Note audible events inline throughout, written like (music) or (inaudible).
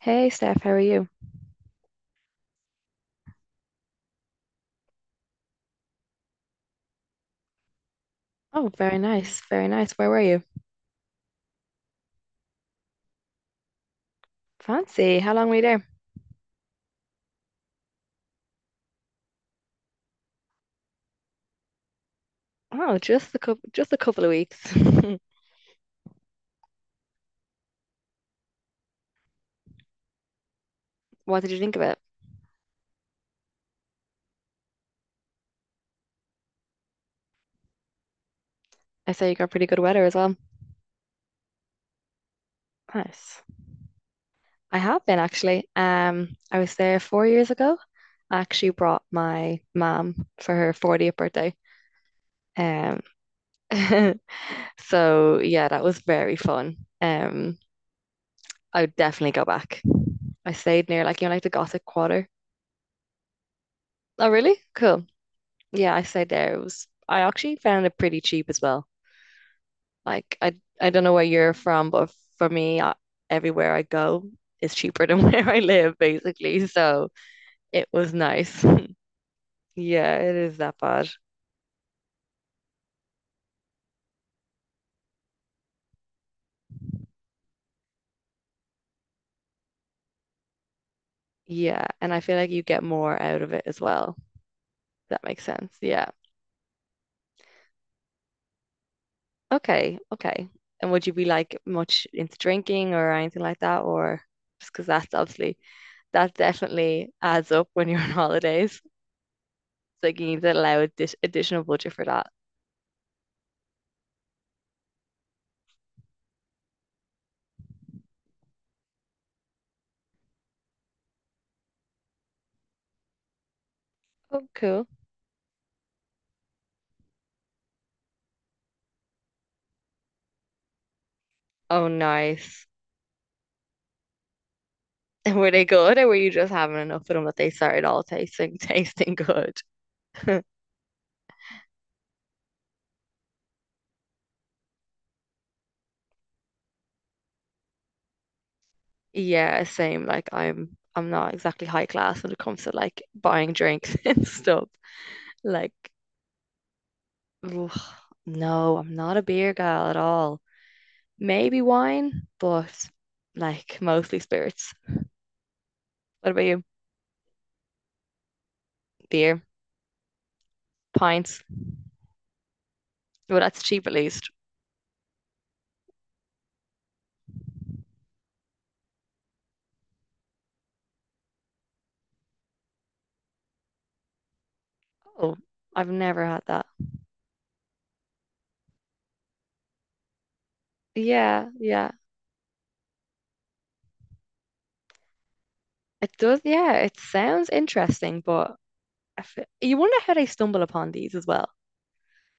Hey Steph, how are you? Oh, very nice, very nice. Where were you? Fancy. How long were you there? Oh, just a couple of weeks. (laughs) What did you think of it? I say you got pretty good weather as well. Nice. I have been actually. I was there 4 years ago. I actually brought my mom for her 40th birthday. Um, (laughs) so yeah, that was very fun. I would definitely go back. I stayed near like you know, like the Gothic Quarter. Oh, really? Cool. Yeah, I stayed there. It was I actually found it pretty cheap as well. Like I don't know where you're from, but for me, I, everywhere I go is cheaper than (laughs) where I live, basically. So it was nice. (laughs) Yeah, it is that bad. Yeah, and I feel like you get more out of it as well. If that makes sense. Yeah. Okay. Okay. And would you be like much into drinking or anything like that, or just because that's obviously that definitely adds up when you're on (laughs) holidays. It's like you need to allow additional budget for that. Oh, cool. Oh, nice. (laughs) And were they good, or were you just having enough of them that they started all tasting good? (laughs) Yeah, same. Like I'm not exactly high class when it comes to like buying drinks (laughs) and stuff. Like ugh, no, I'm not a beer gal at all. Maybe wine, but like mostly spirits. What about you? Beer, pints. Well, that's cheap at least. Oh, I've never had that. Yeah, yeah. It does, yeah, it sounds interesting, but you wonder how they stumble upon these as well.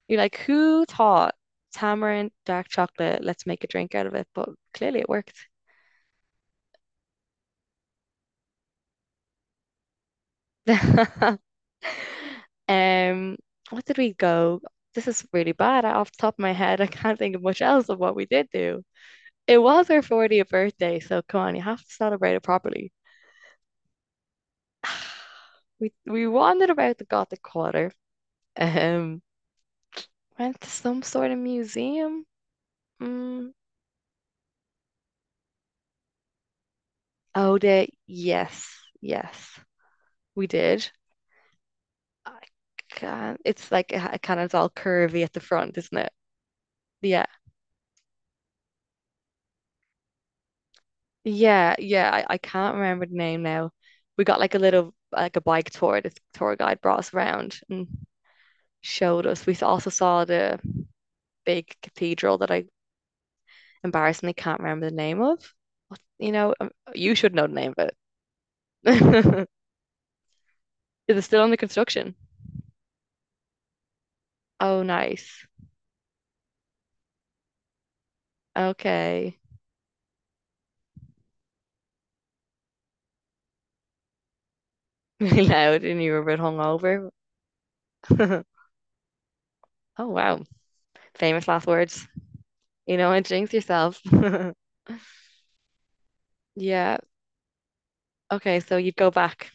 You're like, who thought tamarind, dark chocolate, let's make a drink out of it? But clearly it worked. (laughs) Um, what did we go? This is really bad. I- Off the top of my head, I can't think of much else of what we did do. It was our 40th birthday, so come on, you have to celebrate it properly. (sighs) We wandered about the Gothic Quarter. Um, went to some sort of museum. Mm. Oh, the yes, yes. We did. I can't. It it's all curvy at the front, isn't it? Yeah, yeah. I can't remember the name now. We got like a little like a bike tour. This tour guide brought us around and showed us. We also saw the big cathedral that I embarrassingly can't remember the name of. What, you know, you should know the name of it. (laughs) Is it still under construction? Oh, nice. Okay. (laughs) Really loud, and you were a bit hungover. (laughs) Oh wow. Famous last words. You know, and jinx yourself. (laughs) Yeah. Okay, so you'd go back.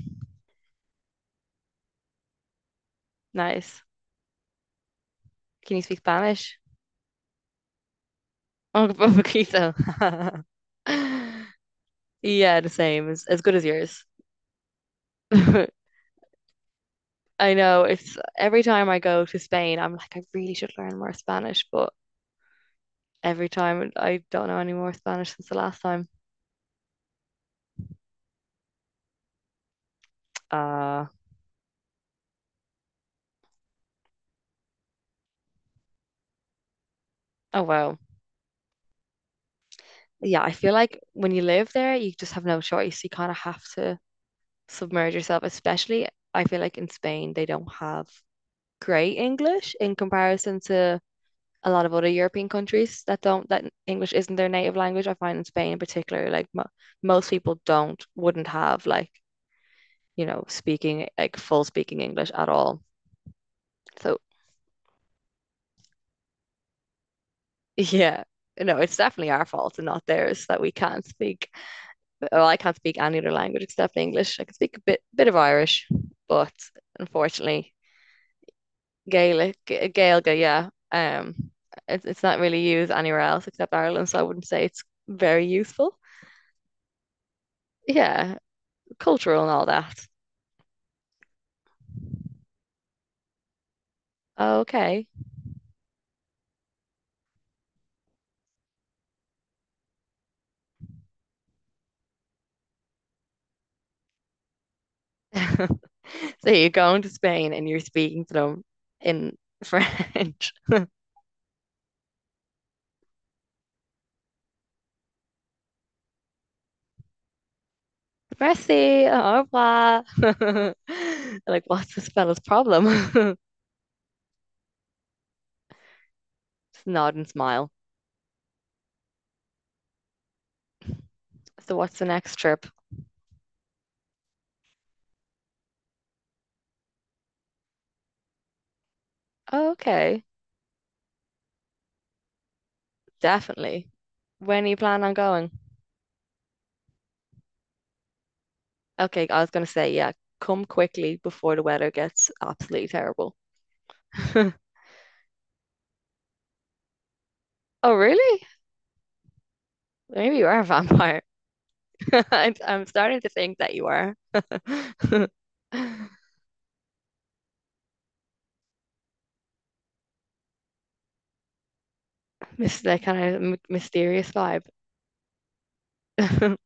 Nice. Can you speak Spanish? (laughs) Oh, poquito. (laughs) Yeah, the same. As good as yours. (laughs) I know it's every time I go to Spain, I'm like, I really should learn more Spanish, but every time I don't know any more Spanish since the last time. Uh, oh well. Yeah, I feel like when you live there, you just have no choice. You kind of have to submerge yourself, especially I feel like in Spain, they don't have great English in comparison to a lot of other European countries that don't that English isn't their native language. I find in Spain in particular, like mo most people don't wouldn't have like you know speaking like full speaking English at all. So (laughs) yeah. No, it's definitely our fault and not theirs that we can't speak. Well, I can't speak any other language except English. I can speak a bit of Irish, but unfortunately, Gaelic, Gaelga, yeah. It's not really used anywhere else except Ireland, so I wouldn't say it's very useful. Yeah, cultural and all that. Okay. (laughs) So you're going to Spain and you're speaking to them in French. (laughs) Merci, au revoir. (laughs) Like, what's this fella's problem? (laughs) Just nod and smile. So what's the next trip? Okay, definitely. When do you plan on going? Okay, I was gonna say, yeah, come quickly before the weather gets absolutely terrible. (laughs) Oh, really? Maybe you are a vampire. (laughs) I'm starting to think that you are. (laughs) Miss that kind of m mysterious vibe. (laughs)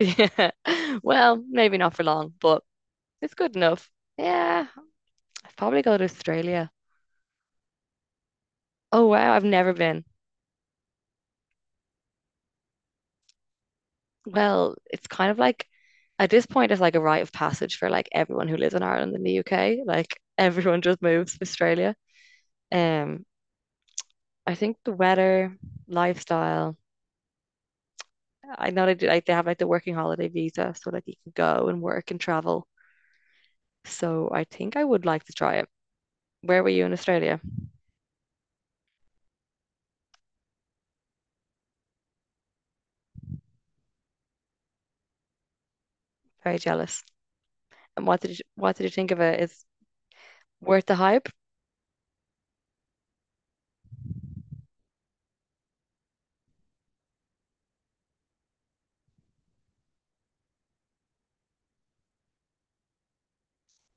Yeah. Well, maybe not for long, but it's good enough. Yeah, I'd probably go to Australia. Oh, wow, I've never been. Well, it's kind of like at this point it's like a rite of passage for like everyone who lives in Ireland and the UK. Like (laughs) everyone just moves to Australia. Um, I think the weather, lifestyle. I know they do like they have like the working holiday visa, so like you can go and work and travel. So I think I would like to try it. Where were you in Australia? Very jealous. And what did you think of it? Is worth the hype?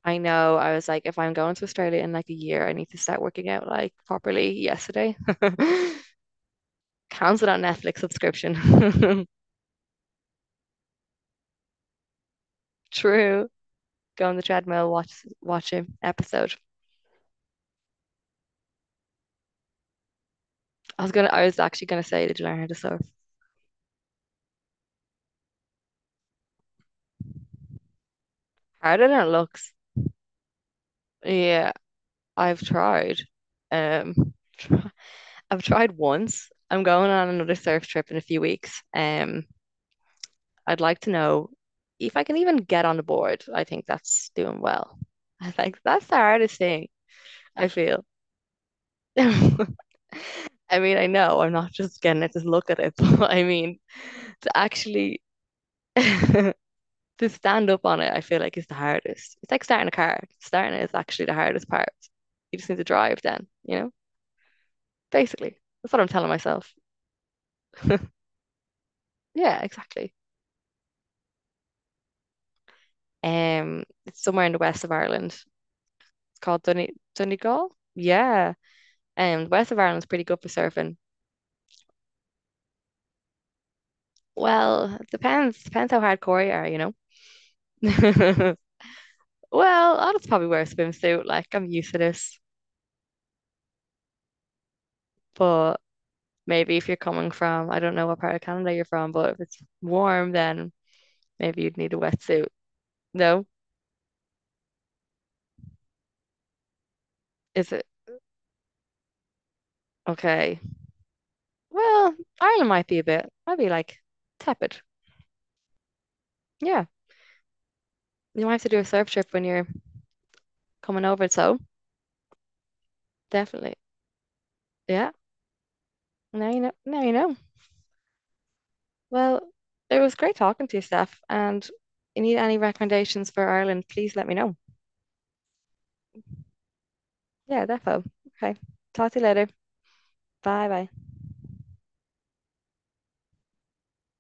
I know I was like, if I'm going to Australia in like a year, I need to start working out like properly yesterday. (laughs) Cancelled that Netflix subscription. (laughs) True. Go on the treadmill, watch an episode. I was actually gonna say, did you learn how to surf? Harder than it looks. Yeah, I've tried. Um (laughs) tr- I've tried once. I'm going on another surf trip in a few weeks. I'd like to know if I can even get on the board. I think that's doing well. (laughs) I think that's the hardest thing, I feel. (laughs) I mean, I know I'm not just gonna just look at it, (laughs) but I mean, to actually (laughs) to stand up on it, I feel like is the hardest. It's like starting a car. Starting it is actually the hardest part. You just need to drive then, you know? Basically. That's what I'm telling myself. Yeah, exactly. It's somewhere in the west of Ireland. It's called Dun Donegal. Yeah. The west of Ireland's pretty good for surfing. Well, it depends. Depends how hardcore you are, you know? (laughs) Well, I'll probably wear a swimsuit. Like, I'm used to this. But maybe if you're coming from, I don't know what part of Canada you're from, but if it's warm, then maybe you'd need a wetsuit. No? Is it? Okay. Well, Ireland might be a bit, might be like tepid. Yeah. You might have to do a surf trip when you're coming over. So definitely. Yeah. Now you know. Now you know. Well, it was great talking to you, Steph. And you need any recommendations for Ireland, please let me know. Yeah, defo. Okay. Talk to you later. Bye bye.